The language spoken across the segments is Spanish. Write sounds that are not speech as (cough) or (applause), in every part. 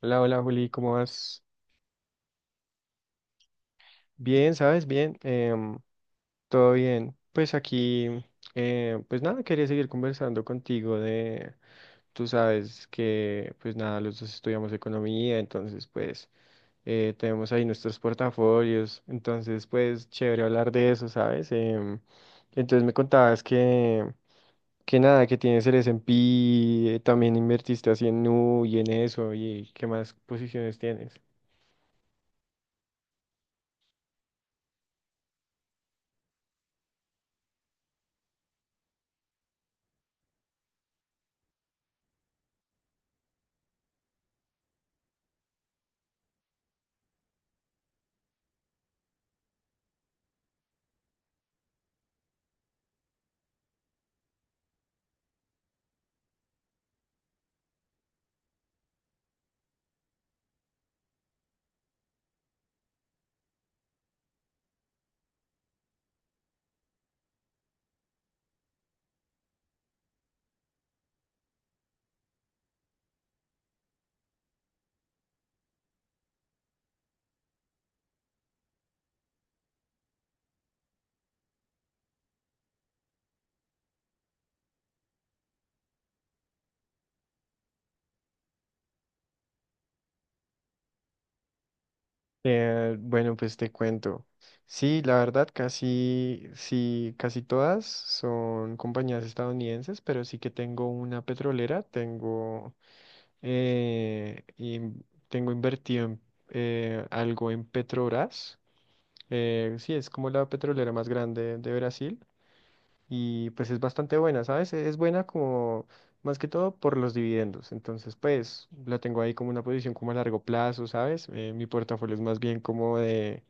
Hola, hola Juli, ¿cómo vas? Bien, ¿sabes? Bien, todo bien. Pues aquí, pues nada, quería seguir conversando contigo de, tú sabes que, pues nada, los dos estudiamos economía, entonces pues tenemos ahí nuestros portafolios, entonces pues chévere hablar de eso, ¿sabes? Entonces me contabas que nada, que tienes el S&P, también invertiste así en Nu y en eso, y qué más posiciones tienes. Bueno, pues te cuento. Sí, la verdad, casi, sí, casi todas son compañías estadounidenses, pero sí que tengo una petrolera, tengo, tengo invertido en, algo en Petrobras. Sí, es como la petrolera más grande de Brasil y pues es bastante buena, ¿sabes? Es buena como más que todo por los dividendos. Entonces, pues la tengo ahí como una posición como a largo plazo, ¿sabes? Mi portafolio es más bien como de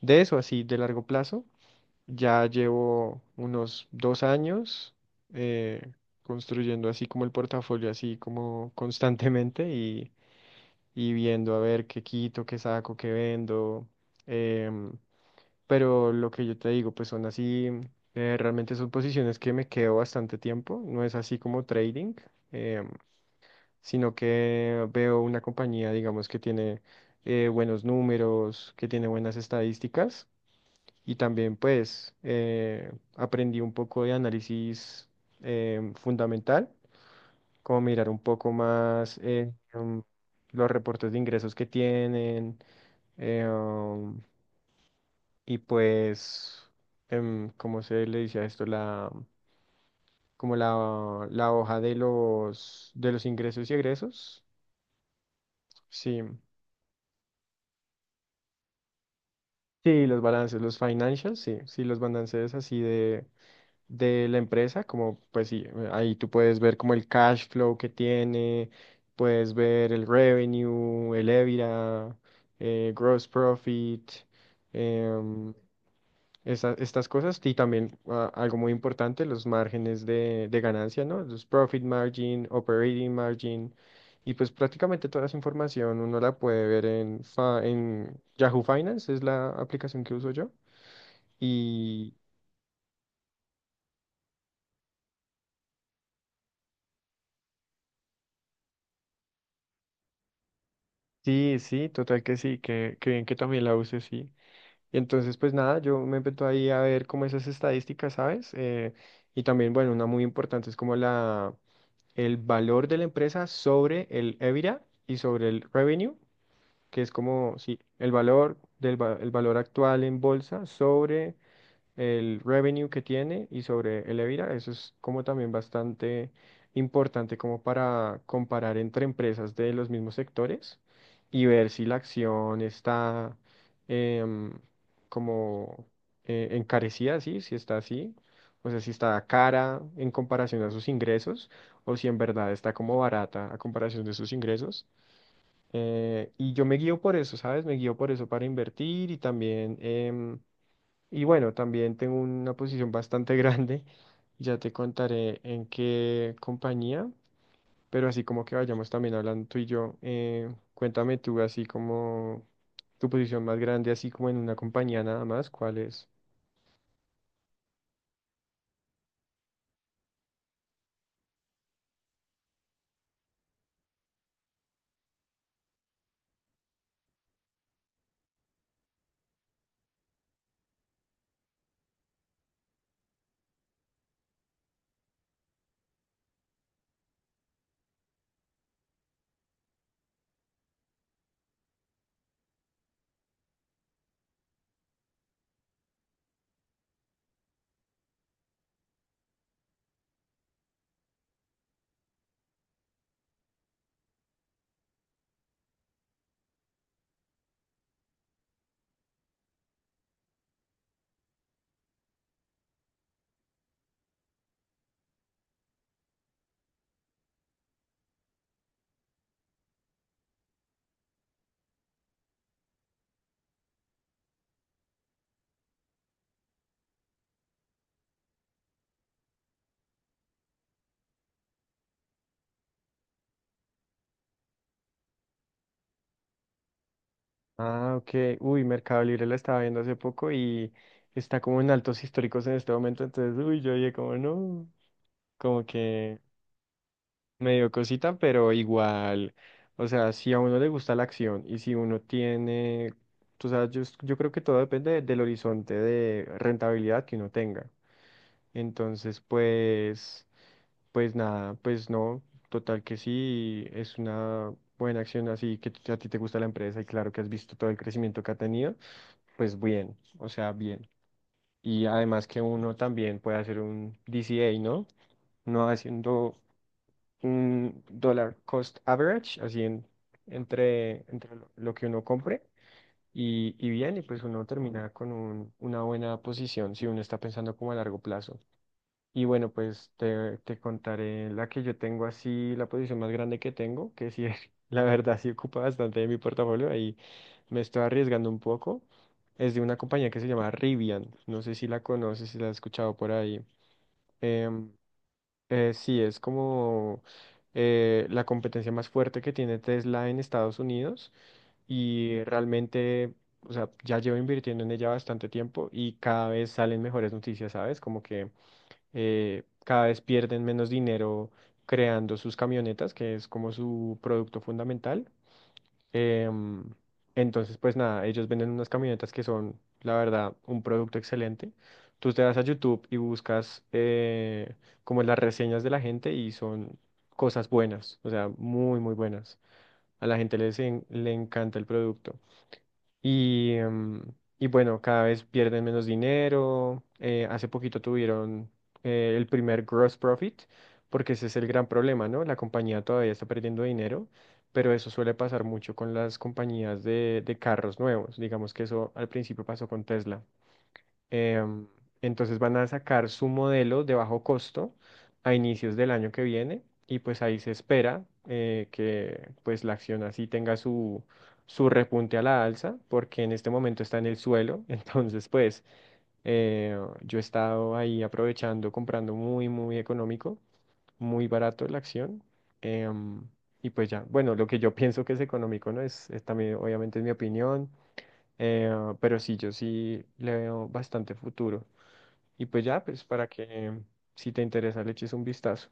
de eso, así de largo plazo, ya llevo unos dos años eh, construyendo así como el portafolio, así como constantemente y viendo a ver qué quito, qué saco, qué vendo. em, pero lo que yo te digo, pues son así, realmente son posiciones que me quedo bastante tiempo, no es así como trading, em, sino que veo una compañía, digamos, que tiene buenos números, que tiene buenas estadísticas y también pues aprendí un poco de análisis fundamental, como mirar un poco más los reportes de ingresos que tienen eh, um, y pues, ¿cómo se le dice a esto? Como la hoja de de los ingresos y egresos. Sí, sí, los balances, los financials, sí, sí, los balances así de la empresa, como pues sí, ahí tú puedes ver como el cash flow que tiene, puedes ver el revenue, el EBITDA, gross profit, em, estas cosas y también ah, algo muy importante, los márgenes de ganancia, ¿no? Los profit margin, operating margin y pues prácticamente toda esa información uno la puede ver en Yahoo Finance, es la aplicación que uso yo. Sí, sí, total que sí, que bien que también la use, sí. Y entonces, pues nada, yo me meto ahí a ver como esas estadísticas, ¿sabes? Y también, bueno, una muy importante es como el valor de la empresa sobre el EBITDA y sobre el revenue, que es como, sí, el valor el valor actual en bolsa sobre el revenue que tiene y sobre el EBITDA. Eso es como también bastante importante como para comparar entre empresas de los mismos sectores y ver si la acción está em, como encarecida, ¿sí? Si está así, o sea, si está cara en comparación a sus ingresos o si en verdad está como barata a comparación de sus ingresos. Y yo me guío por eso, ¿sabes? Me guío por eso para invertir y también... y bueno, también tengo una posición bastante (laughs) grande. Ya te contaré en qué compañía, pero así como que vayamos también hablando tú y yo, cuéntame tú así como tu posición más grande, así como en una compañía nada más, ¿cuál es? Ah, ok. Uy, Mercado Libre la estaba viendo hace poco y está como en altos históricos en este momento, entonces, uy, yo dije como no, como que me dio cosita, pero igual, o sea, si a uno le gusta la acción y si uno tiene, tú sabes, yo creo que todo depende del horizonte de rentabilidad que uno tenga. Entonces, pues, pues nada, pues no, total que sí, es una buena acción así que a ti te gusta la empresa y claro que has visto todo el crecimiento que ha tenido, pues bien, o sea, bien. Y además que uno también puede hacer un DCA, ¿no? No haciendo un dólar cost average, así en, entre, entre lo que uno compre y bien, y pues uno termina con una buena posición si uno está pensando como a largo plazo. Y bueno, pues te contaré la que yo tengo así, la posición más grande que tengo, que sí, (laughs) la verdad sí ocupa bastante de mi portafolio, ahí me estoy arriesgando un poco. Es de una compañía que se llama Rivian, no sé si la conoces, si la has escuchado por ahí. Em, sí, es como la competencia más fuerte que tiene Tesla en Estados Unidos y realmente, o sea, ya llevo invirtiendo en ella bastante tiempo y cada vez salen mejores noticias, ¿sabes? Como que cada vez pierden menos dinero creando sus camionetas, que es como su producto fundamental. Em, entonces, pues nada, ellos venden unas camionetas que son, la verdad, un producto excelente. Tú te vas a YouTube y buscas como las reseñas de la gente y son cosas buenas, o sea, muy, muy buenas. A la gente le encanta el producto. Y, em, y bueno, cada vez pierden menos dinero. Hace poquito tuvieron el primer gross profit, porque ese es el gran problema, ¿no? La compañía todavía está perdiendo dinero, pero eso suele pasar mucho con las compañías de carros nuevos. Digamos que eso al principio pasó con Tesla. Em, entonces van a sacar su modelo de bajo costo a inicios del año que viene y pues ahí se espera que pues la acción así tenga su repunte a la alza porque en este momento está en el suelo. (laughs) Entonces pues yo he estado ahí aprovechando, comprando muy, muy económico, muy barato la acción. em, y pues ya, bueno, lo que yo pienso que es económico, ¿no? Es también obviamente es mi opinión. Eh, pero sí, yo sí le veo bastante futuro. Y pues ya, pues para que mm, si te interesa le eches un vistazo.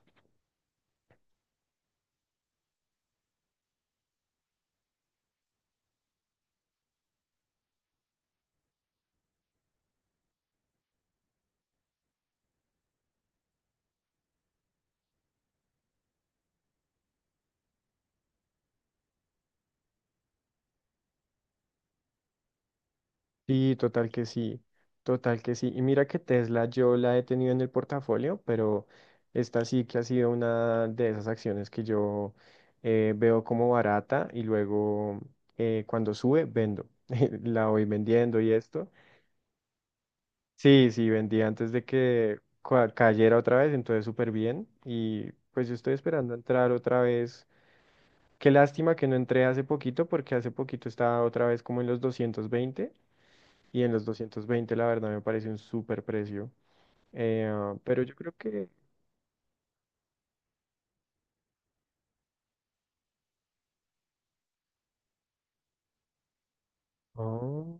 Sí, total que sí, total que sí. Y mira que Tesla yo la he tenido en el portafolio, pero esta sí que ha sido una de esas acciones que yo veo como barata y luego cuando sube vendo. (laughs) La voy vendiendo y esto. Sí, sí, vendí antes de que cayera otra vez, entonces súper bien. Y pues yo estoy esperando entrar otra vez. Qué lástima que no entré hace poquito, porque hace poquito estaba otra vez como en los 220. Y en los 220, la verdad, me parece un súper precio. Pero yo creo que. Oh,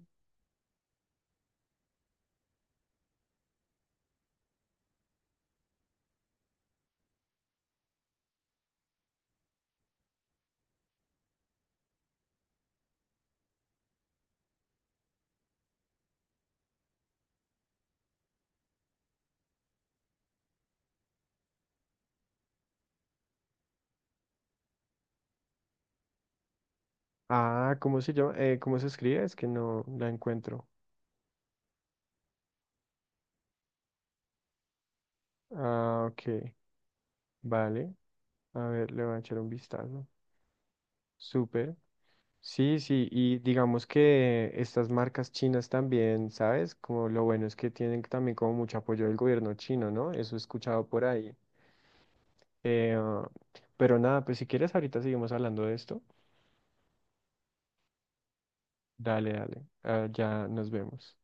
ah, ¿cómo se llama? ¿Cómo se escribe? Es que no la encuentro. Ah, ok. Vale. A ver, le voy a echar un vistazo. Súper. Sí, sí, y digamos que estas marcas chinas también, ¿sabes? Como lo bueno es que tienen también como mucho apoyo del gobierno chino, ¿no? Eso he escuchado por ahí. Eh, ah, pero nada, pues si quieres ahorita seguimos hablando de esto. Dale, dale. Ya nos vemos.